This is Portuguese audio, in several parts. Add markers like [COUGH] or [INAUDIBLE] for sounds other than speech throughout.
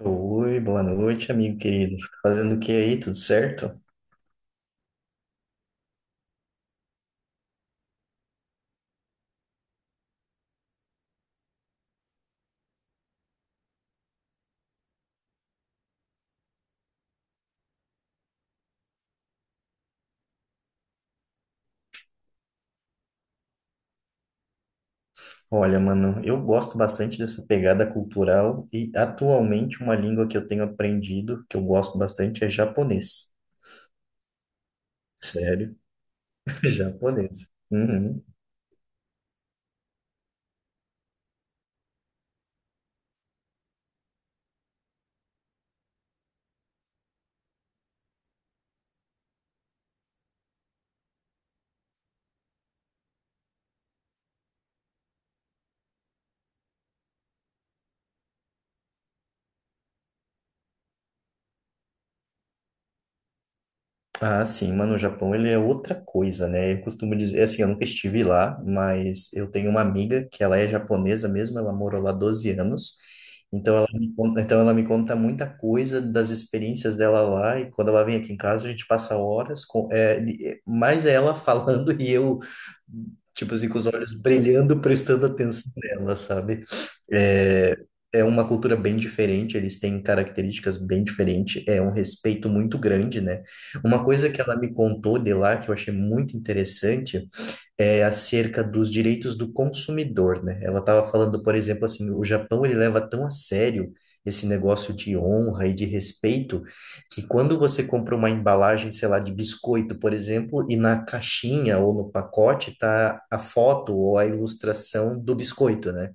Oi, boa noite, amigo querido. Tá fazendo o que aí? Tudo certo? Olha, mano, eu gosto bastante dessa pegada cultural e atualmente uma língua que eu tenho aprendido, que eu gosto bastante, é japonês. Sério? [LAUGHS] Japonês. Uhum. Ah, sim, mano, o Japão ele é outra coisa, né? Eu costumo dizer, é assim, eu nunca estive lá, mas eu tenho uma amiga que ela é japonesa mesmo, ela morou lá 12 anos, então ela me conta, muita coisa das experiências dela lá, e quando ela vem aqui em casa a gente passa horas com, é, mais é ela [LAUGHS] falando e eu, tipo assim, com os olhos brilhando, prestando atenção nela, sabe? É, é uma cultura bem diferente, eles têm características bem diferentes, é um respeito muito grande, né? Uma coisa que ela me contou de lá, que eu achei muito interessante, é acerca dos direitos do consumidor, né? Ela estava falando, por exemplo, assim, o Japão ele leva tão a sério esse negócio de honra e de respeito, que quando você compra uma embalagem, sei lá, de biscoito, por exemplo, e na caixinha ou no pacote tá a foto ou a ilustração do biscoito, né?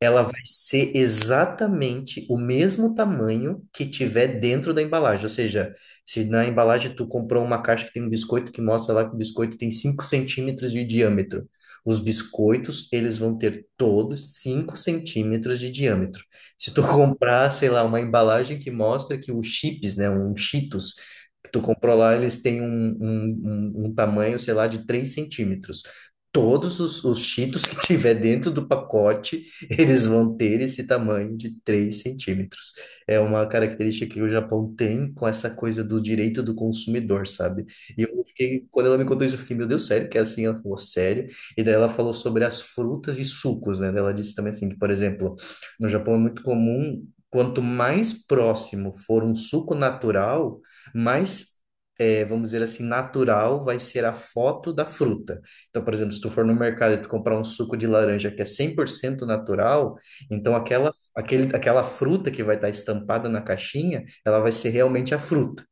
Ela vai ser exatamente o mesmo tamanho que tiver dentro da embalagem. Ou seja, se na embalagem tu comprou uma caixa que tem um biscoito que mostra lá que o biscoito tem 5 centímetros de diâmetro. Os biscoitos, eles vão ter todos 5 centímetros de diâmetro. Se tu [LAUGHS] comprar, sei lá, uma embalagem que mostra que os chips, né, um Cheetos, que tu comprou lá, eles têm um, um tamanho, sei lá, de 3 centímetros. Todos os Cheetos [LAUGHS] que tiver dentro do pacote eles vão ter esse tamanho de 3 centímetros. É uma característica que o Japão tem com essa coisa do direito do consumidor, sabe? E eu fiquei, quando ela me contou isso, eu fiquei, meu Deus, sério? Que é assim? Ela falou, sério? E daí ela falou sobre as frutas e sucos, né? Ela disse também assim, que, por exemplo, no Japão é muito comum, quanto mais próximo for um suco natural, mais é, vamos dizer assim, natural vai ser a foto da fruta. Então, por exemplo, se tu for no mercado e tu comprar um suco de laranja que é 100% natural, então aquela, aquela fruta que vai estar estampada na caixinha, ela vai ser realmente a fruta.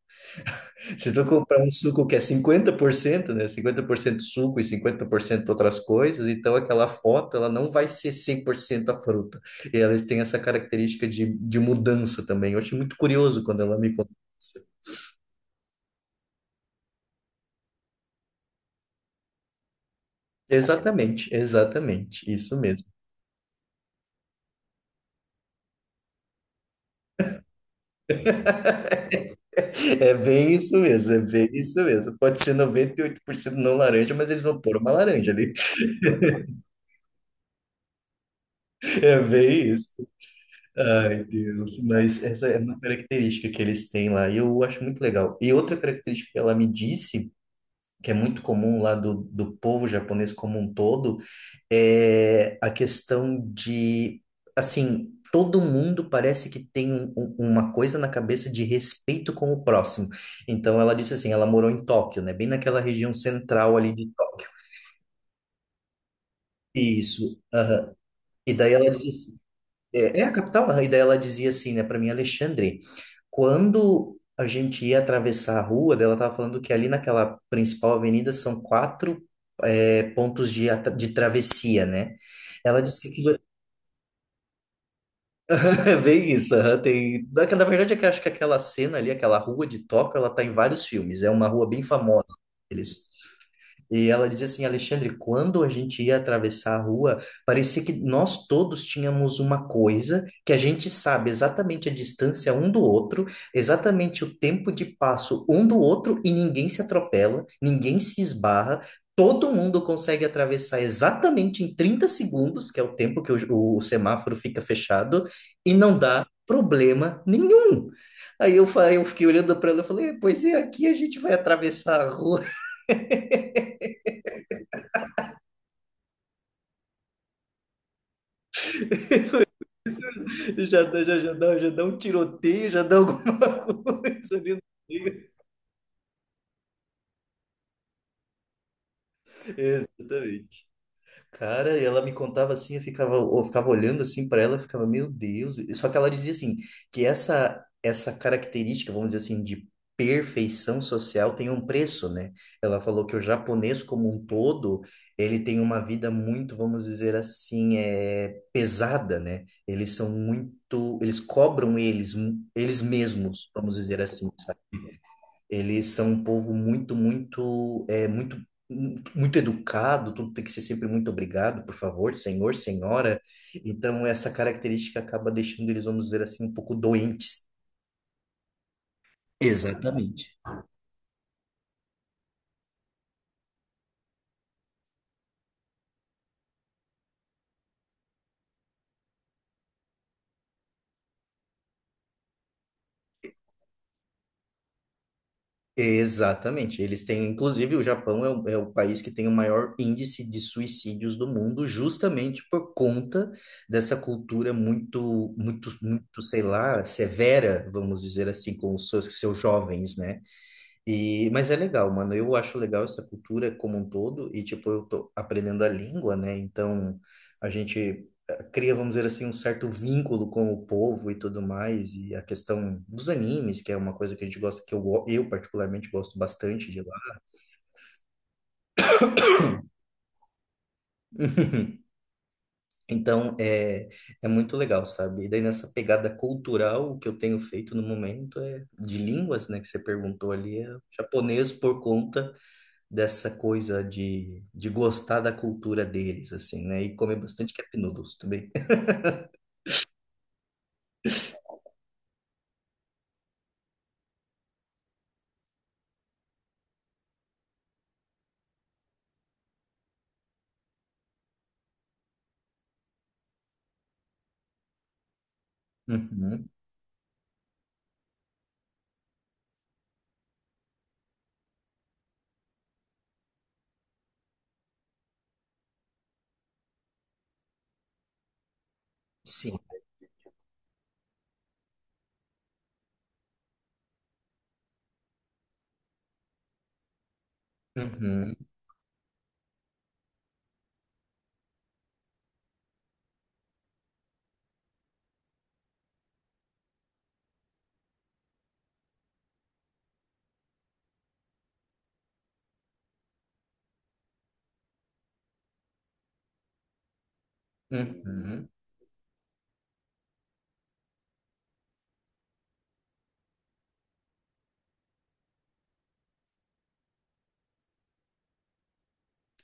[LAUGHS] Se tu comprar um suco que é 50%, né, 50% suco e 50% outras coisas, então aquela foto, ela não vai ser 100% a fruta. E elas têm essa característica de mudança também. Eu achei muito curioso quando ela me contou. Isso. Exatamente, exatamente, isso mesmo. É bem isso mesmo, é bem isso mesmo. Pode ser 98% não laranja, mas eles vão pôr uma laranja ali. [LAUGHS] É bem isso. Ai, Deus. Mas essa é uma característica que eles têm lá e eu acho muito legal. E outra característica que ela me disse que é muito comum lá do, povo japonês como um todo, é a questão de, assim, todo mundo parece que tem uma coisa na cabeça de respeito com o próximo. Então, ela disse assim, ela morou em Tóquio, né? Bem naquela região central ali de Tóquio. Isso. Aham. E daí ela disse assim, é, é a capital, e daí ela dizia assim, né, para mim, Alexandre, quando a gente ia atravessar a rua, daí ela estava falando que ali naquela principal avenida são quatro é, pontos de, de travessia, né? Ela disse que aquilo... [LAUGHS] É bem isso, aham, tem... Na verdade, é que eu acho que aquela cena ali, aquela rua de Tóquio, ela tá em vários filmes, é uma rua bem famosa. Eles... E ela dizia assim, Alexandre, quando a gente ia atravessar a rua, parecia que nós todos tínhamos uma coisa que a gente sabe exatamente a distância um do outro, exatamente o tempo de passo um do outro e ninguém se atropela, ninguém se esbarra. Todo mundo consegue atravessar exatamente em 30 segundos, que é o tempo que o semáforo fica fechado, e não dá problema nenhum. Aí eu, eu fiquei olhando para ela e falei, pois é, aqui a gente vai atravessar a rua. Já, já dá um tiroteio, já dá alguma [LAUGHS] coisa ali no meio. Exatamente. Cara, e ela me contava assim, eu ficava olhando assim para ela, eu ficava, meu Deus. Só que ela dizia assim, que essa característica, vamos dizer assim, de perfeição social tem um preço, né? Ela falou que o japonês como um todo, ele tem uma vida muito, vamos dizer assim, é, pesada, né? Eles são muito, eles cobram eles, eles mesmos, vamos dizer assim, sabe? Eles são um povo muito, muito, é, muito, muito educado, tudo tem que ser sempre muito obrigado, por favor, senhor, senhora. Então, essa característica acaba deixando eles, vamos dizer assim, um pouco doentes. Exatamente. Exatamente. Eles têm, inclusive, o Japão é o, é o país que tem o maior índice de suicídios do mundo, justamente por conta dessa cultura muito, muito, muito, sei lá, severa, vamos dizer assim, com os seus, seus jovens, né? E, mas é legal, mano. Eu acho legal essa cultura como um todo e tipo eu tô aprendendo a língua, né? Então a gente cria, vamos dizer assim, um certo vínculo com o povo e tudo mais e a questão dos animes, que é uma coisa que a gente gosta, que eu, eu particularmente gosto bastante de lá. Então é É muito legal, sabe? E daí nessa pegada cultural, o que eu tenho feito no momento é de línguas, né? Que você perguntou ali, é japonês por conta dessa coisa de, gostar da cultura deles, assim, né? E comer bastante cup noodles também. [LAUGHS] Uhum, sim. Uhum, uhum.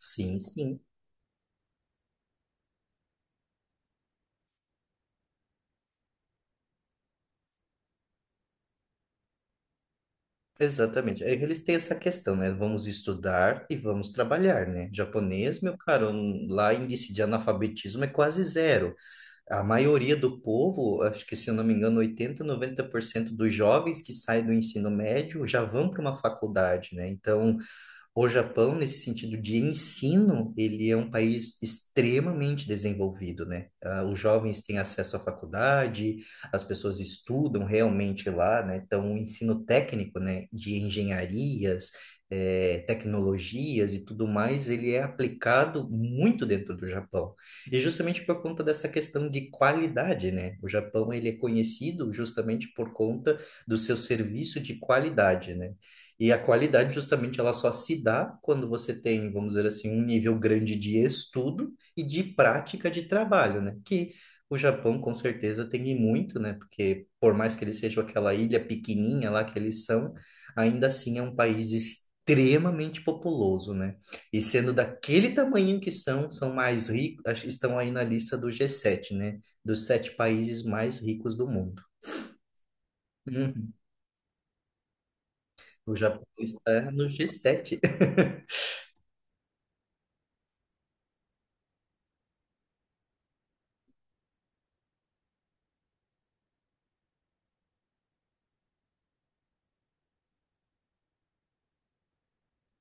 Sim, sim. Exatamente. É que eles têm essa questão, né? Vamos estudar e vamos trabalhar, né? Japonês, meu caro, lá índice de analfabetismo é quase zero. A maioria do povo, acho que se eu não me engano, 80 90% dos jovens que saem do ensino médio já vão para uma faculdade, né? Então, o Japão, nesse sentido de ensino, ele é um país extremamente desenvolvido, né? Ah, os jovens têm acesso à faculdade, as pessoas estudam realmente lá, né? Então, o ensino técnico, né, de engenharias, eh, tecnologias e tudo mais, ele é aplicado muito dentro do Japão. E justamente por conta dessa questão de qualidade, né? O Japão, ele é conhecido justamente por conta do seu serviço de qualidade, né? E a qualidade, justamente, ela só se dá quando você tem, vamos dizer assim, um nível grande de estudo e de prática de trabalho, né? Que o Japão, com certeza, tem e muito, né? Porque, por mais que eles sejam aquela ilha pequenininha lá que eles são, ainda assim é um país extremamente populoso, né? E sendo daquele tamanho que são, são mais ricos, acho que estão aí na lista do G7, né? Dos 7 países mais ricos do mundo. Uhum. O Japão está no G7.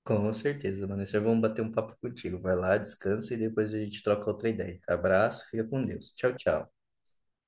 Com certeza, Vanessa. Vamos bater um papo contigo. Vai lá, descansa e depois a gente troca outra ideia. Abraço, fica com Deus. Tchau, tchau.